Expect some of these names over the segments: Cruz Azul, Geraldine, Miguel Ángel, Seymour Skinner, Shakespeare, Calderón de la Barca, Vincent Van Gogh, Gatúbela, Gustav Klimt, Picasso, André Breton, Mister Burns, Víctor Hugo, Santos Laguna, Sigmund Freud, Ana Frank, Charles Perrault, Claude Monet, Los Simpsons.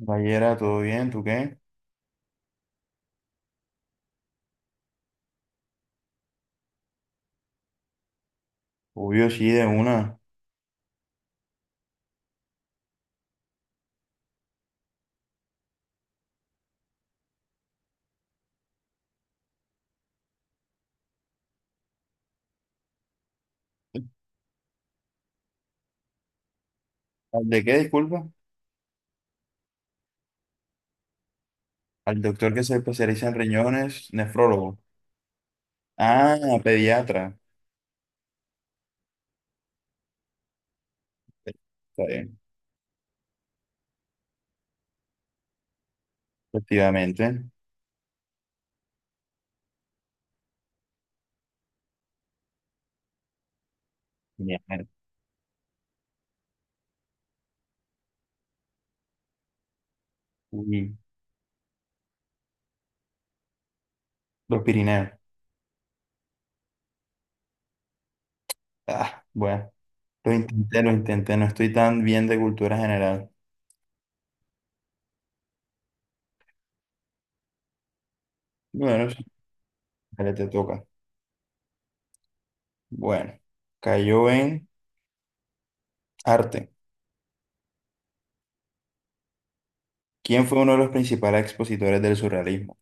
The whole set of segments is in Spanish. Vallera, ¿todo bien? ¿Tú qué? Obvio, sí, de una. ¿Al de qué, disculpa? Al doctor que se especializa en riñones, nefrólogo. Ah, pediatra. Está bien, efectivamente. Bien. Uy, los Pirineos. Ah, bueno, lo intenté, lo intenté. No estoy tan bien de cultura general. Bueno, sí, dale, te toca. Bueno, cayó en arte. ¿Quién fue uno de los principales expositores del surrealismo?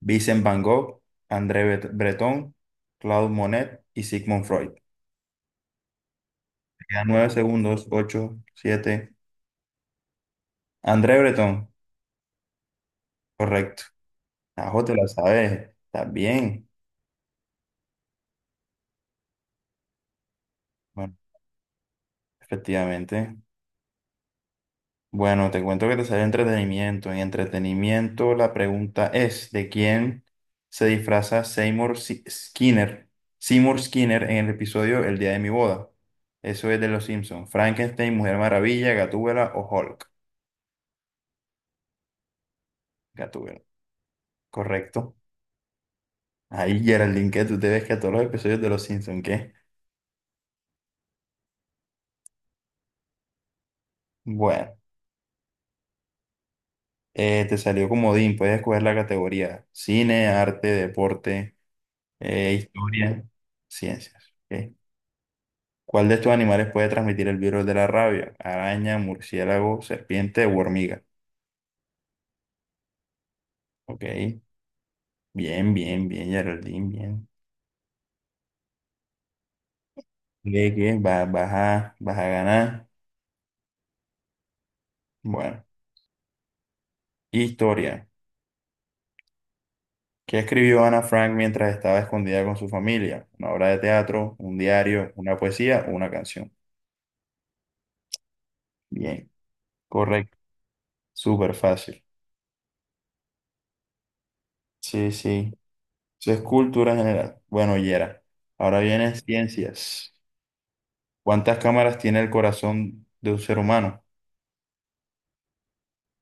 Vincent Van Gogh, Breton, Claude Monet y Sigmund Freud. Te quedan nueve segundos, ocho, siete. André Breton, correcto. Ajo, te la sabes. Estás bien. Bueno, efectivamente. Bueno, te cuento que te sale entretenimiento. En entretenimiento, la pregunta es: ¿de quién se disfraza Seymour Si- Skinner? Seymour Skinner en el episodio El día de mi boda. Eso es de Los Simpsons. Frankenstein, Mujer Maravilla, Gatúbela o Hulk. Gatúbela. Correcto. Ahí, Geraldine, que tú te ves que a todos los episodios de Los Simpsons, ¿qué? Bueno, te salió comodín, puedes escoger la categoría cine, arte, deporte, historia, ciencias. ¿Ok? ¿Cuál de estos animales puede transmitir el virus de la rabia? Araña, murciélago, serpiente o hormiga. Ok, bien, bien, bien, Geraldine, bien. Lee que va, vas a ganar. Bueno, historia. ¿Qué escribió Ana Frank mientras estaba escondida con su familia? ¿Una obra de teatro, un diario, una poesía o una canción? Bien, correcto, súper fácil. Sí, sí, eso es cultura general. Bueno, Yera, ahora vienen ciencias. ¿Cuántas cámaras tiene el corazón de un ser humano?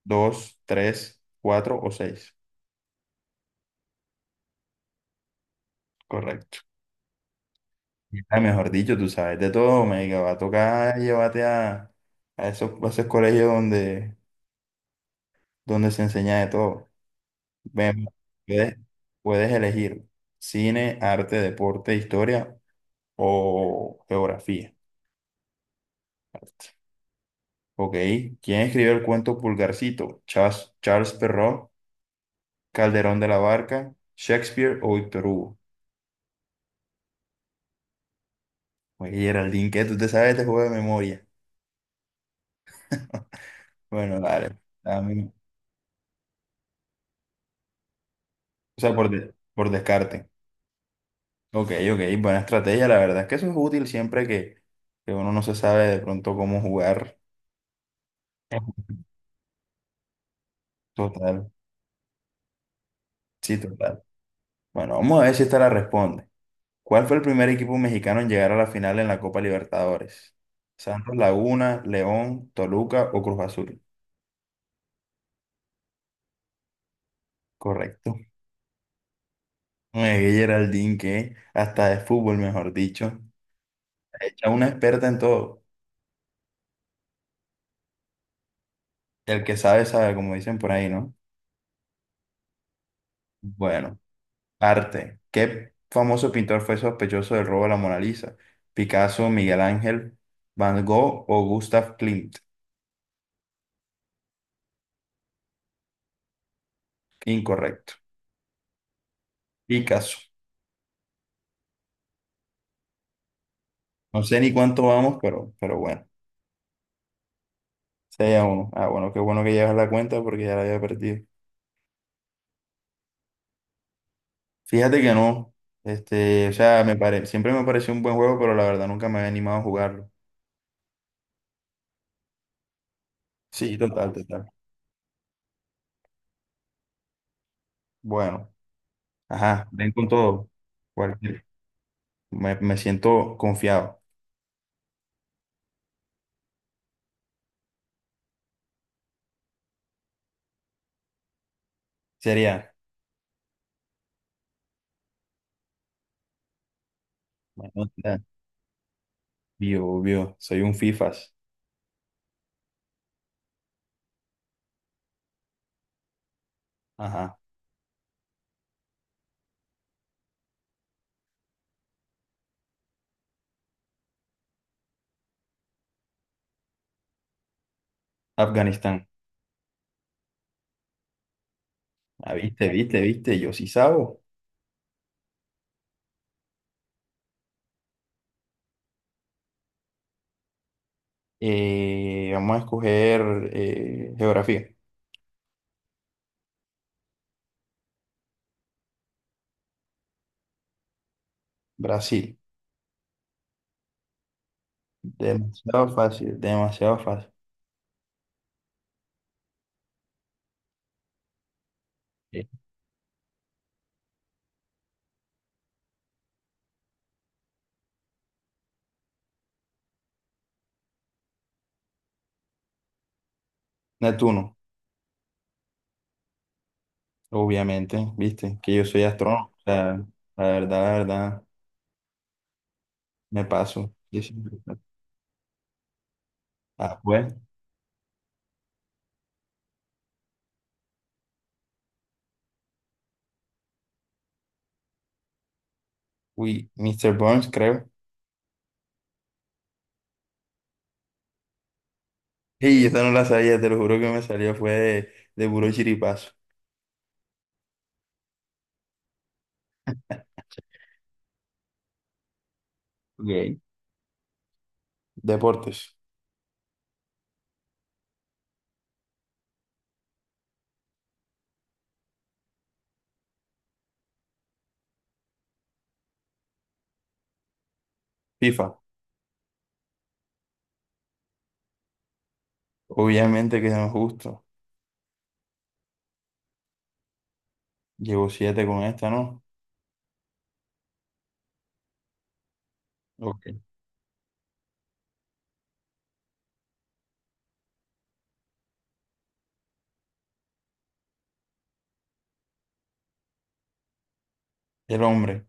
¿Dos, tres, cuatro o seis? Correcto. Ah, mejor dicho, tú sabes de todo, me va a tocar a esos colegios donde se enseña de todo. Ven, puedes, puedes elegir cine, arte, deporte, historia o geografía. Ok. ¿Quién escribió el cuento Pulgarcito? Charles Perrault, Calderón de la Barca, Shakespeare o Víctor Hugo. Oye, Geraldine, ¿qué? ¿Tú te sabes este juego de memoria? Bueno, dale. dame- O sea, por descarte. Ok, ok. Buena estrategia. La verdad es que eso es útil siempre que uno no se sabe de pronto cómo jugar. Total. Sí, total. Bueno, vamos a ver si esta la responde. ¿Cuál fue el primer equipo mexicano en llegar a la final en la Copa Libertadores? ¿Santos Laguna, León, Toluca o Cruz Azul? Correcto. Geraldine, que hasta de fútbol, mejor dicho. Hecha una experta en todo. El que sabe, sabe, como dicen por ahí, ¿no? Bueno, arte. ¿Qué famoso pintor fue sospechoso del robo de la Mona Lisa? ¿Picasso, Miguel Ángel, Van Gogh o Gustav Klimt? Incorrecto. Picasso. No sé ni cuánto vamos, pero bueno. 6 a 1. Ah, bueno, qué bueno que llevas la cuenta porque ya la había perdido. Fíjate que no. Este, o sea, siempre me pareció un buen juego, pero la verdad nunca me había animado a jugarlo. Sí, total, total. Bueno, ajá, ven con todo. Cualquier- me siento confiado. Sería, bueno, vio, obvio, soy un FIFAs. Ajá, Afganistán. Ah, viste, viste, viste, yo sí sabo. Vamos a escoger geografía. Brasil, demasiado fácil, demasiado fácil. Neptuno, obviamente, viste, que yo soy astrónomo. O sea, la verdad, me paso. Yo siempre- Ah, pues, uy, Mister Burns, creo. Y esa no la sabía, te lo juro que me salió, fue de puro chiripazo. Ok. Deportes, FIFA, obviamente que no es justo. Llevo siete con esta, ¿no? Ok. El hombre.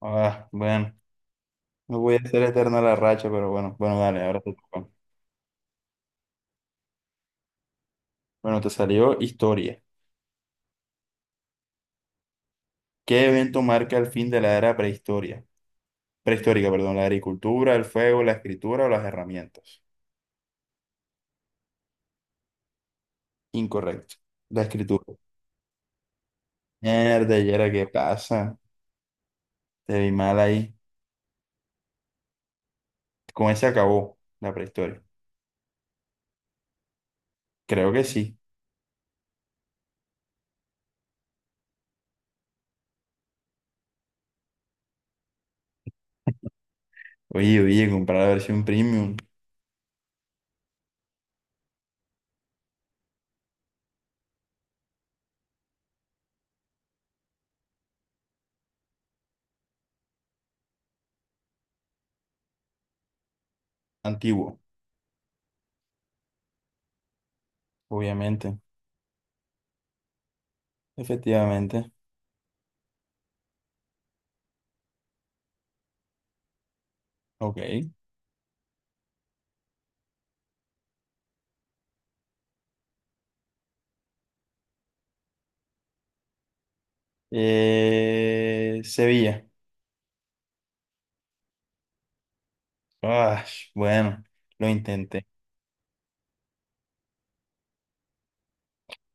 Ah, bueno, no voy a hacer eterna la racha, pero bueno, bueno, dale, ahora te toca. Bueno, te salió historia. ¿Qué evento marca el fin de la era prehistoria? Prehistórica, perdón, la agricultura, el fuego, la escritura o las herramientas. Incorrecto. La escritura. Mierda, ¿y era qué pasa? Te vi mal ahí. Con ese acabó la prehistoria. Creo que sí. Oye, comprar la versión premium. Antiguo, obviamente. Efectivamente. Ok. Sevilla. Ah, bueno, lo intenté.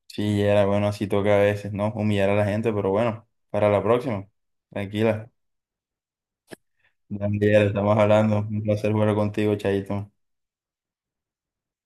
Sí, era bueno, así toca a veces, ¿no? Humillar a la gente, pero bueno, para la próxima. Tranquila. Daniel, estamos hablando. Un placer jugar contigo, Chaito.